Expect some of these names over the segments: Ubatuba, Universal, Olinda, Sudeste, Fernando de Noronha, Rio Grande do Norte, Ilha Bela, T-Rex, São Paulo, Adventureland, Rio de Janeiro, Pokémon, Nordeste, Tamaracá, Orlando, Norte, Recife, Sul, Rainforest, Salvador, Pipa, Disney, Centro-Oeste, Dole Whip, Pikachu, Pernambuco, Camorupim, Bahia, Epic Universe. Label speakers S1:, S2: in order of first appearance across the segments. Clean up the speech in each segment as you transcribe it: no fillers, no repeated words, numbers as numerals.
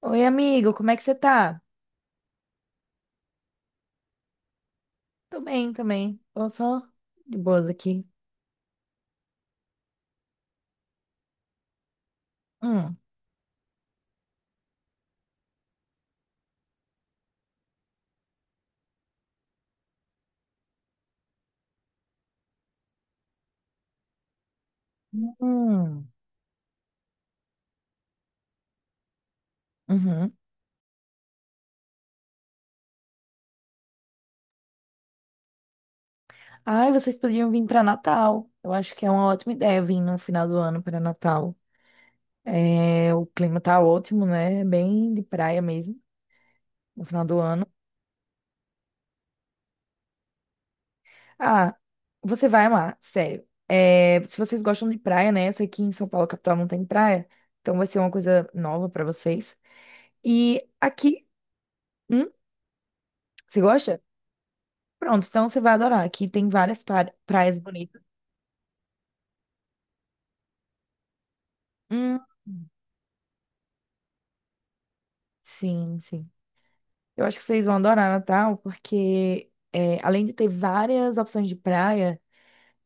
S1: Oi, amigo, como é que você tá? Tô bem também. Tô só de boas aqui. Hum. Hum, hum. Uhum. Ai, vocês podiam vir pra Natal. Eu acho que é uma ótima ideia vir no final do ano pra Natal. É, o clima tá ótimo, né? É bem de praia mesmo, no final do ano. Ah, você vai amar, sério. É, se vocês gostam de praia, né? Eu sei que em São Paulo, capital, não tem praia. Então vai ser uma coisa nova pra vocês. E aqui. Hum? Você gosta? Pronto, então você vai adorar. Aqui tem várias praias bonitas. Hum, sim, sim. Eu acho que vocês vão adorar Natal, porque é, além de ter várias opções de praia,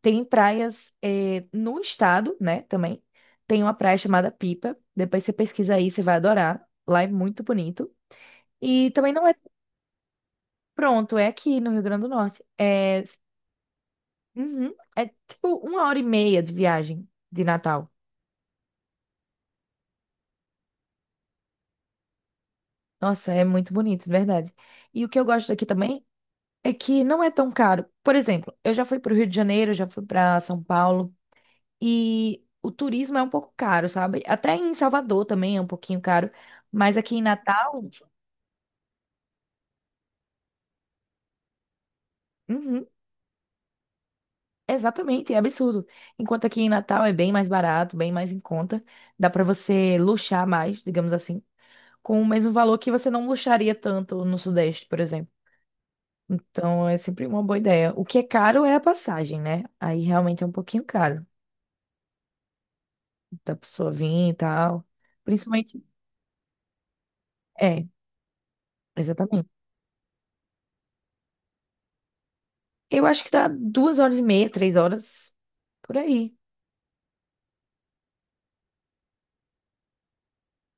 S1: tem praias é, no estado, né, também. Tem uma praia chamada Pipa. Depois você pesquisa aí, você vai adorar. Lá é muito bonito. E também não é pronto, é aqui no Rio Grande do Norte. É, uhum, é tipo 1h30 de viagem de Natal. Nossa, é muito bonito, de verdade. E o que eu gosto daqui também é que não é tão caro. Por exemplo, eu já fui para o Rio de Janeiro, já fui para São Paulo e o turismo é um pouco caro, sabe? Até em Salvador também é um pouquinho caro, mas aqui em Natal, uhum, exatamente, é absurdo. Enquanto aqui em Natal é bem mais barato, bem mais em conta, dá para você luxar mais, digamos assim, com o mesmo valor que você não luxaria tanto no Sudeste, por exemplo. Então é sempre uma boa ideia. O que é caro é a passagem, né? Aí realmente é um pouquinho caro da pessoa vir e tal. Principalmente é, exatamente. Eu acho que dá 2h30, 3 horas, por aí.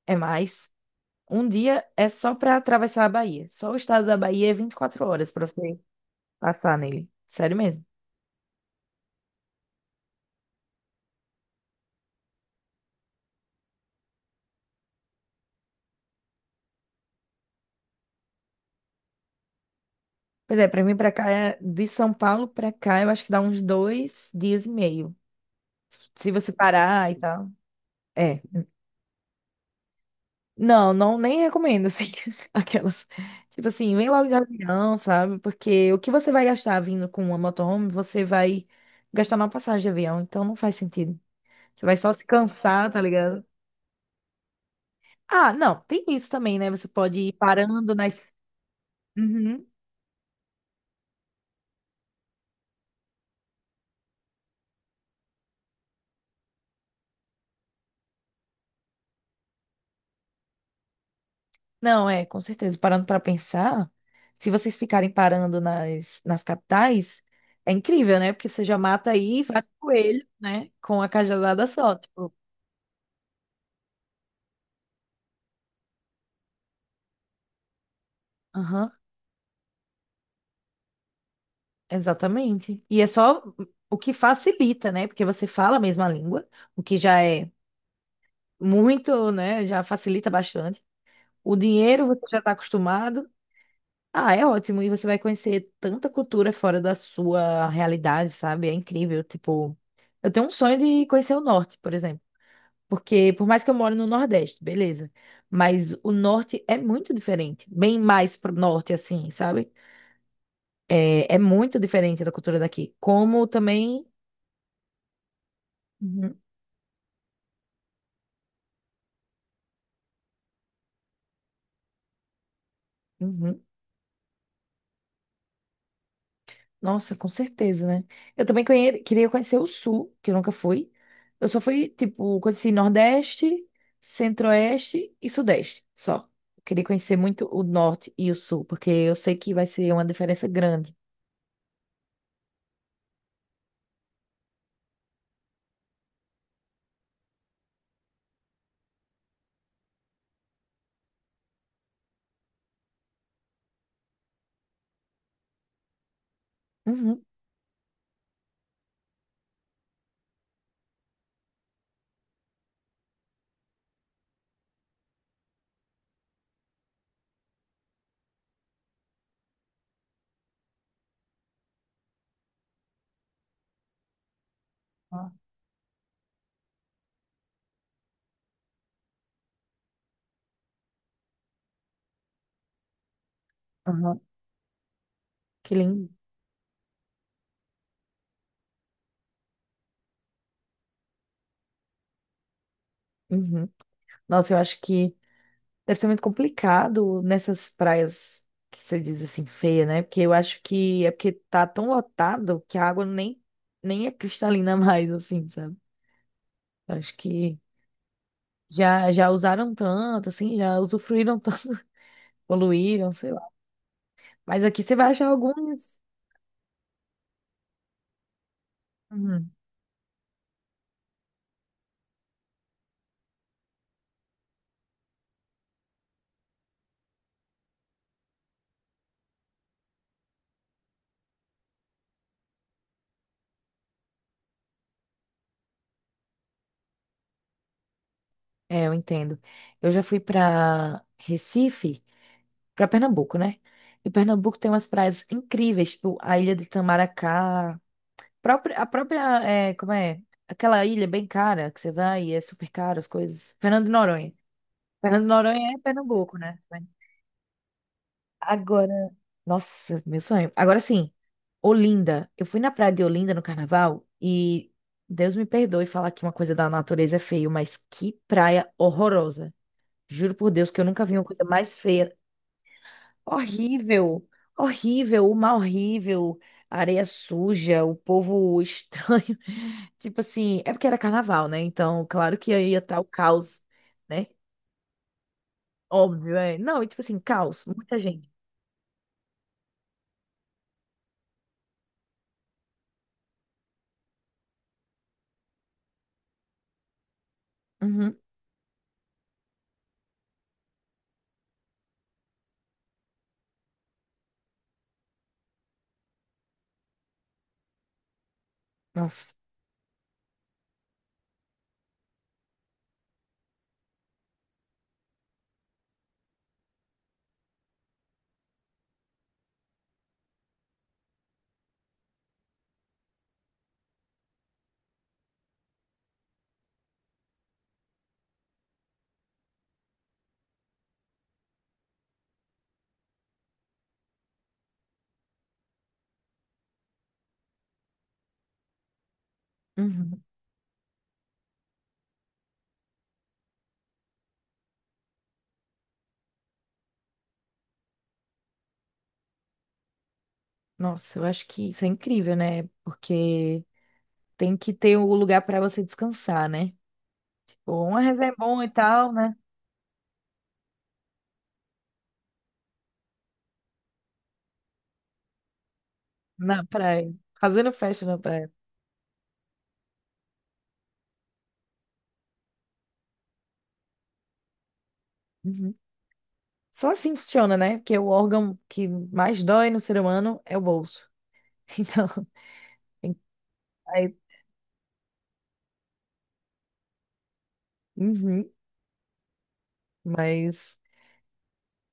S1: É mais. Um dia é só pra atravessar a Bahia. Só o estado da Bahia é 24 horas pra você passar nele. Sério mesmo. Pois é, pra mim pra cá, de São Paulo pra cá, eu acho que dá uns 2 dias e meio. Se você parar e tal. É. Não, não, nem recomendo, assim, aquelas. Tipo assim, vem logo de avião, sabe? Porque o que você vai gastar vindo com uma motorhome, você vai gastar numa passagem de avião, então não faz sentido. Você vai só se cansar, tá ligado? Ah, não, tem isso também, né? Você pode ir parando nas. Uhum. Não, é, com certeza. Parando pra pensar, se vocês ficarem parando nas capitais, é incrível, né? Porque você já mata aí, e vai com coelho, né? Com a cajadada só, tipo. Aham. Exatamente. E é só o que facilita, né? Porque você fala a mesma língua, o que já é muito, né? Já facilita bastante. O dinheiro você já está acostumado. Ah, é ótimo. E você vai conhecer tanta cultura fora da sua realidade, sabe? É incrível. Tipo, eu tenho um sonho de conhecer o norte, por exemplo. Porque por mais que eu moro no Nordeste, beleza. Mas o norte é muito diferente. Bem mais pro norte, assim, sabe? É, é muito diferente da cultura daqui. Como também. Uhum. Nossa, com certeza, né? Eu também queria conhecer o Sul, que eu nunca fui. Eu só fui, tipo, conheci Nordeste, Centro-Oeste e Sudeste, só. Eu queria conhecer muito o Norte e o Sul, porque eu sei que vai ser uma diferença grande. Uhum. Ah, aham. Que lindo. Uhum. Nossa, eu acho que deve ser muito complicado nessas praias que você diz assim, feia, né? Porque eu acho que é porque tá tão lotado que a água nem é cristalina mais, assim, sabe? Eu acho que já usaram tanto, assim, já usufruíram tanto, poluíram, sei lá. Mas aqui você vai achar alguns. Uhum. É, eu entendo. Eu já fui para Recife, para Pernambuco, né? E Pernambuco tem umas praias incríveis, tipo a ilha do Tamaracá, própria- a própria, é, como é? Aquela ilha bem cara que você vai e é super caro as coisas. Fernando de Noronha. Fernando de Noronha é Pernambuco, né? Agora, nossa, meu sonho. Agora sim, Olinda. Eu fui na praia de Olinda no carnaval e Deus me perdoe falar que uma coisa da natureza é feio, mas que praia horrorosa. Juro por Deus que eu nunca vi uma coisa mais feia. Horrível, horrível, o mar horrível, a areia suja, o povo estranho. Tipo assim, é porque era carnaval, né? Então, claro que aí ia estar o caos, né? Óbvio, é. Não, e tipo assim, caos, muita gente. Uhum. Nossa. Uhum. Nossa, eu acho que isso é incrível, né? Porque tem que ter o lugar para você descansar, né? Tipo, uma resenha é bom e tal, né? Na praia. Fazendo festa na praia. Uhum. Só assim funciona, né? Porque o órgão que mais dói no ser humano é o bolso. Então, aí. Uhum. Mas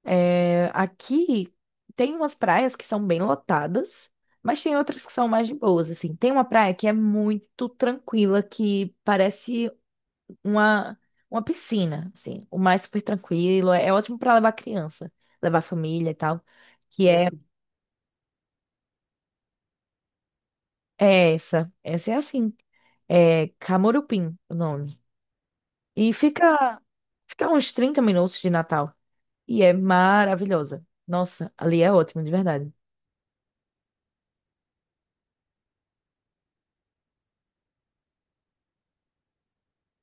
S1: é, aqui tem umas praias que são bem lotadas, mas tem outras que são mais de boas, assim. Tem uma praia que é muito tranquila, que parece uma, uma piscina, assim, o mar é super tranquilo, é, é ótimo para levar criança, levar família e tal, que é essa, essa é assim, é Camorupim o nome. E fica, fica uns 30 minutos de Natal, e é maravilhosa. Nossa, ali é ótimo, de verdade.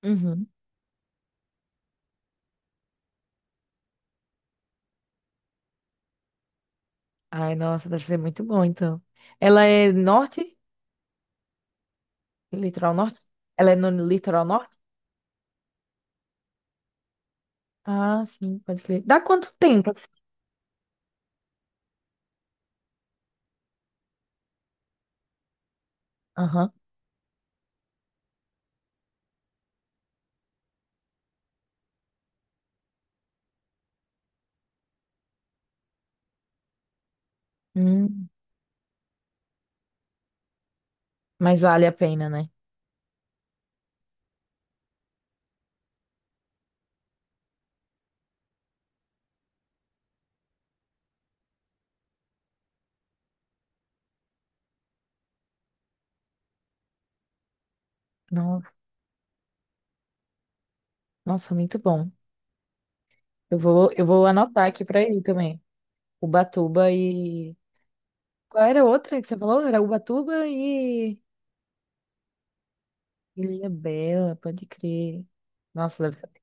S1: Uhum. Ai, nossa, deve ser muito bom, então. Ela é norte? Litoral norte? Ela é no litoral norte? Ah, sim, pode crer. Dá quanto tempo, assim? Aham. Hum, mas vale a pena, né? Nossa. Nossa, muito bom. Eu vou anotar aqui pra ir também. Ubatuba e. Qual era a outra que você falou? Era Ubatuba e. Ilha Bela, pode crer. Nossa, deve ser.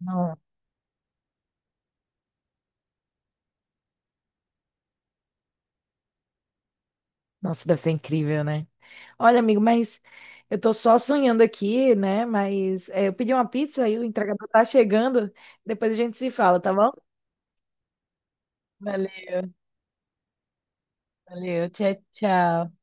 S1: Não. Nossa, deve ser incrível, né? Olha, amigo, mas eu tô só sonhando aqui, né? Mas é, eu pedi uma pizza e o entregador tá chegando. Depois a gente se fala, tá bom? Valeu, valeu. Tchau, tchau.